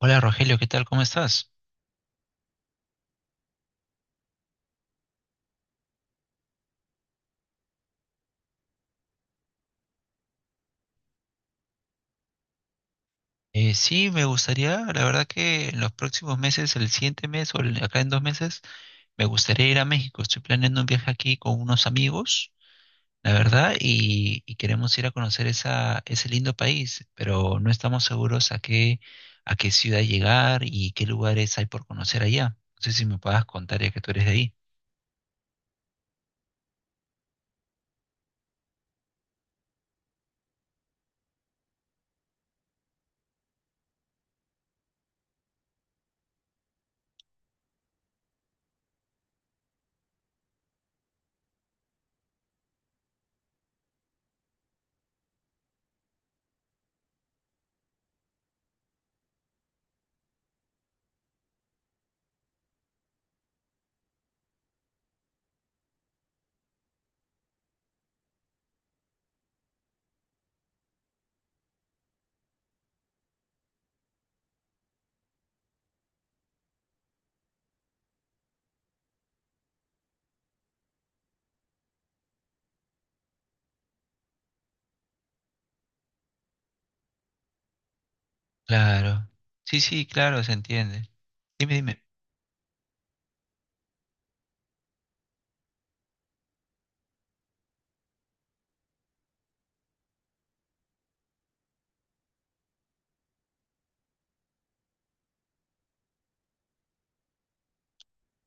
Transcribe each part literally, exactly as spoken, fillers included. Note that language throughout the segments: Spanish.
Hola Rogelio, ¿qué tal? ¿Cómo estás? Eh, sí, me gustaría, la verdad que en los próximos meses, el siguiente mes o el- acá en dos meses, me gustaría ir a México. Estoy planeando un viaje aquí con unos amigos, la verdad, y, y queremos ir a conocer esa, ese lindo país, pero no estamos seguros a qué, a qué ciudad llegar y qué lugares hay por conocer allá. No sé si me puedas contar ya que tú eres de ahí. Claro. Sí, sí, claro, se entiende. Dime, dime.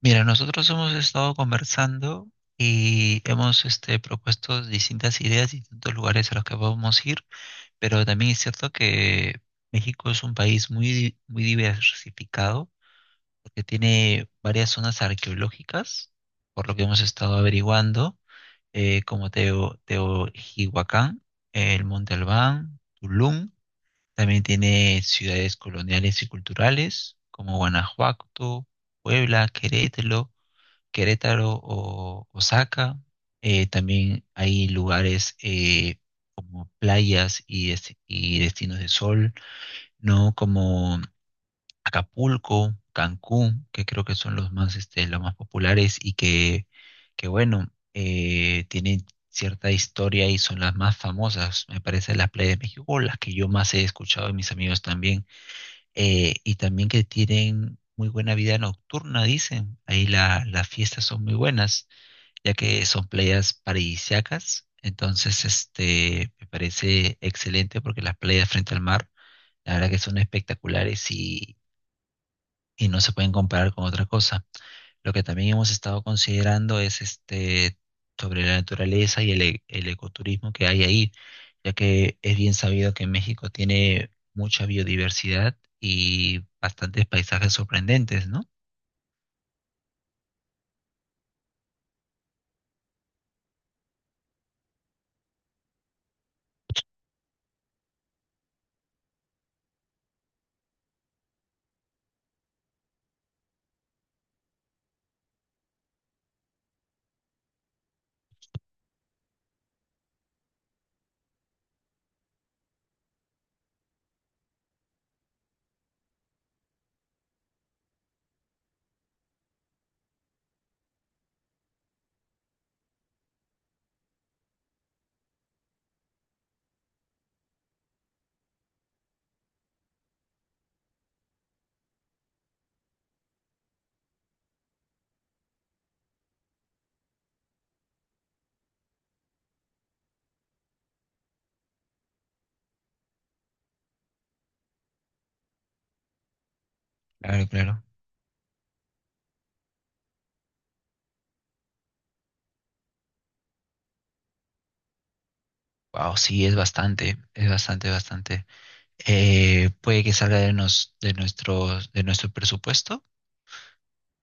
Mira, nosotros hemos estado conversando y hemos este, propuesto distintas ideas, distintos lugares a los que podemos ir, pero también es cierto que México es un país muy, di- muy diversificado, porque tiene varias zonas arqueológicas, por lo que hemos estado averiguando, eh, como Teo, Teotihuacán, el Monte Albán, Tulum, también tiene ciudades coloniales y culturales, como Guanajuato, Puebla, Querétaro. Querétaro o Osaka. Eh, también hay lugares eh, como playas y, des- y destinos de sol, ¿no? Como Acapulco, Cancún, que creo que son los más, este, los más populares y que, que bueno, eh, tienen cierta historia y son las más famosas, me parece, las playas de México, o las que yo más he escuchado de mis amigos también, eh, y también que tienen muy buena vida nocturna, dicen, ahí la- las fiestas son muy buenas ya que son playas paradisíacas. Entonces, este, me parece excelente porque las playas frente al mar, la verdad que son espectaculares y, y no se pueden comparar con otra cosa. Lo que también hemos estado considerando es este, sobre la naturaleza y el, e- el ecoturismo que hay ahí, ya que es bien sabido que México tiene mucha biodiversidad y bastantes paisajes sorprendentes, ¿no? Claro, claro. Wow, sí, es bastante, es bastante, bastante. eh, puede que salga de, nos- de, nuestro, de nuestro presupuesto,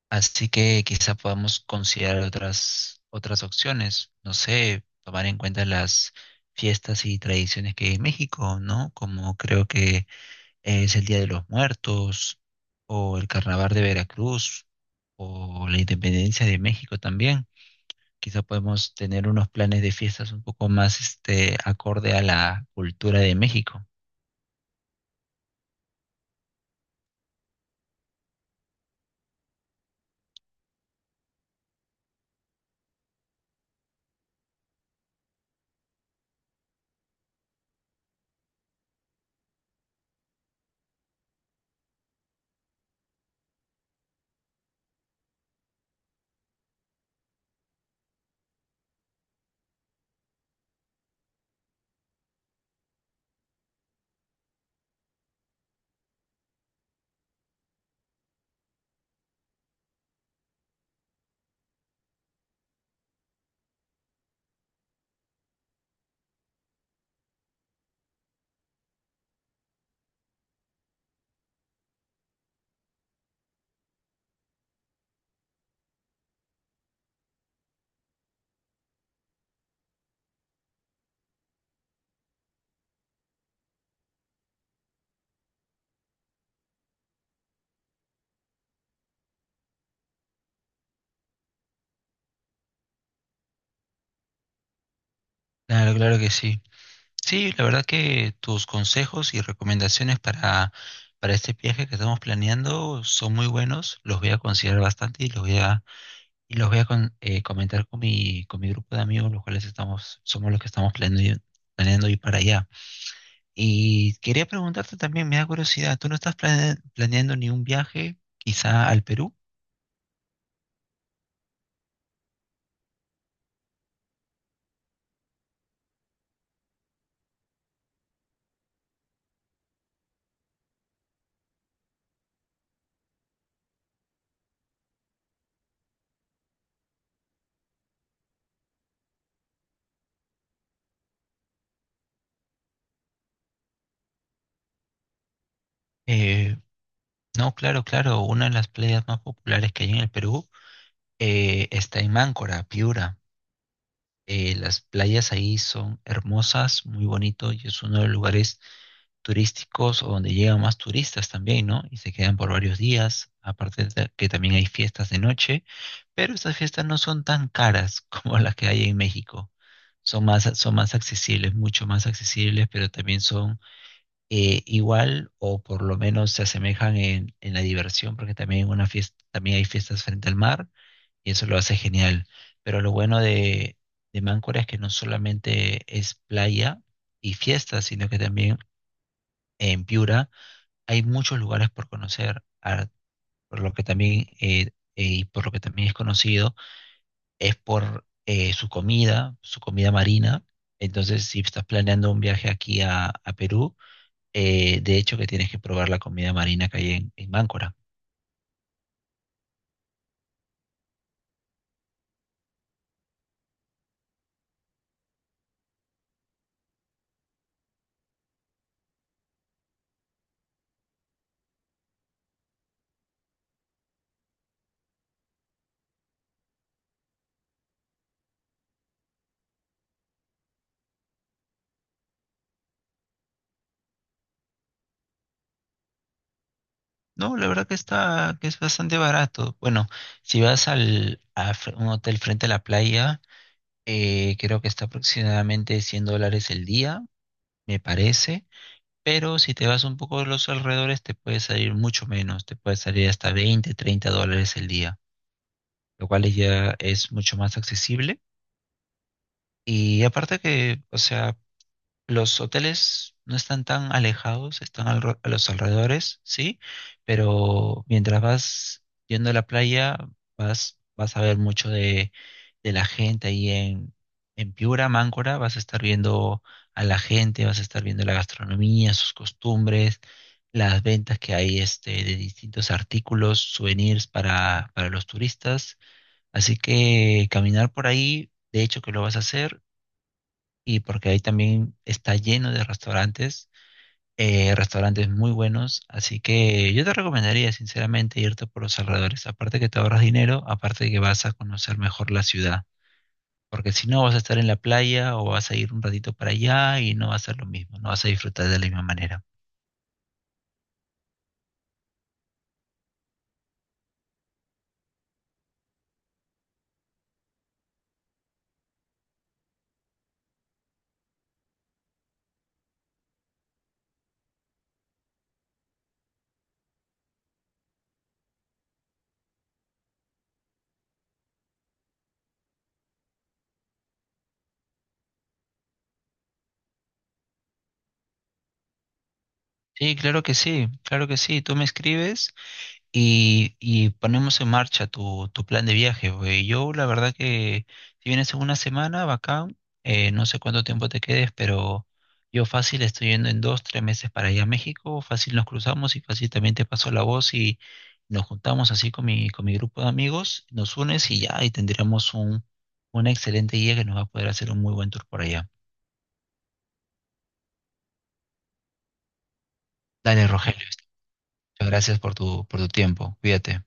así que quizá podamos considerar otras, otras opciones, no sé, tomar en cuenta las fiestas y tradiciones que hay en México, ¿no? Como creo que es el Día de los Muertos o el Carnaval de Veracruz o la Independencia de México también. Quizá podemos tener unos planes de fiestas un poco más este, acorde a la cultura de México. Claro, claro que sí. Sí, la verdad que tus consejos y recomendaciones para, para este viaje que estamos planeando son muy buenos, los voy a considerar bastante y los voy a, y los voy a con- eh, comentar con mi, con mi grupo de amigos, los cuales estamos, somos los que estamos planeando, planeando ir para allá. Y quería preguntarte también, me da curiosidad, ¿tú no estás plane- planeando ni un viaje quizá al Perú? Eh, no, claro, claro, una de las playas más populares que hay en el Perú eh, está en Máncora, Piura. Eh, las playas ahí son hermosas, muy bonito y es uno de los lugares turísticos o donde llegan más turistas también, ¿no? Y se quedan por varios días, aparte de que también hay fiestas de noche, pero estas fiestas no son tan caras como las que hay en México. Son más, son más accesibles, mucho más accesibles, pero también son eh, igual o por lo menos se asemejan en, en la diversión, porque también, una fiesta, también hay fiestas frente al mar y eso lo hace genial. Pero lo bueno de, de Máncora es que no solamente es playa y fiestas, sino que también en Piura hay muchos lugares por conocer, a- por lo que también, eh, eh, y por lo que también es conocido, es por eh, su comida, su comida marina. Entonces, si estás planeando un viaje aquí a, a Perú, eh, de hecho que tienes que probar la comida marina que hay en, en Máncora. No, la verdad que está, que es bastante barato. Bueno, si vas al, a fr- un hotel frente a la playa, eh, creo que está aproximadamente cien dólares el día, me parece. Pero si te vas un poco a los alrededores, te puede salir mucho menos, te puede salir hasta veinte, treinta dólares el día, lo cual ya es mucho más accesible. Y aparte que, o sea, los hoteles no están tan alejados, están alro- a los alrededores, sí, pero mientras vas yendo a la playa, vas, vas a ver mucho de, de la gente ahí en, en Piura, Máncora, vas a estar viendo a la gente, vas a estar viendo la gastronomía, sus costumbres, las ventas que hay este, de distintos artículos, souvenirs para, para los turistas. Así que caminar por ahí, de hecho que lo vas a hacer y porque ahí también está lleno de restaurantes, eh, restaurantes muy buenos, así que yo te recomendaría sinceramente irte por los alrededores, aparte que te ahorras dinero, aparte que vas a conocer mejor la ciudad, porque si no vas a estar en la playa o vas a ir un ratito para allá y no va a ser lo mismo, no vas a disfrutar de la misma manera. Sí, claro que sí, claro que sí, tú me escribes Y, y ponemos en marcha tu, tu plan de viaje. Güey, yo la verdad que si vienes en una semana, bacán, eh, no sé cuánto tiempo te quedes, pero yo fácil estoy yendo en dos, tres meses para allá a México, fácil nos cruzamos y fácil también te paso la voz y nos juntamos así con mi, con mi grupo de amigos, nos unes y ya, y tendremos un, una excelente guía que nos va a poder hacer un muy buen tour por allá. Dale, Rogelio, muchas gracias por tu, por tu tiempo, cuídate.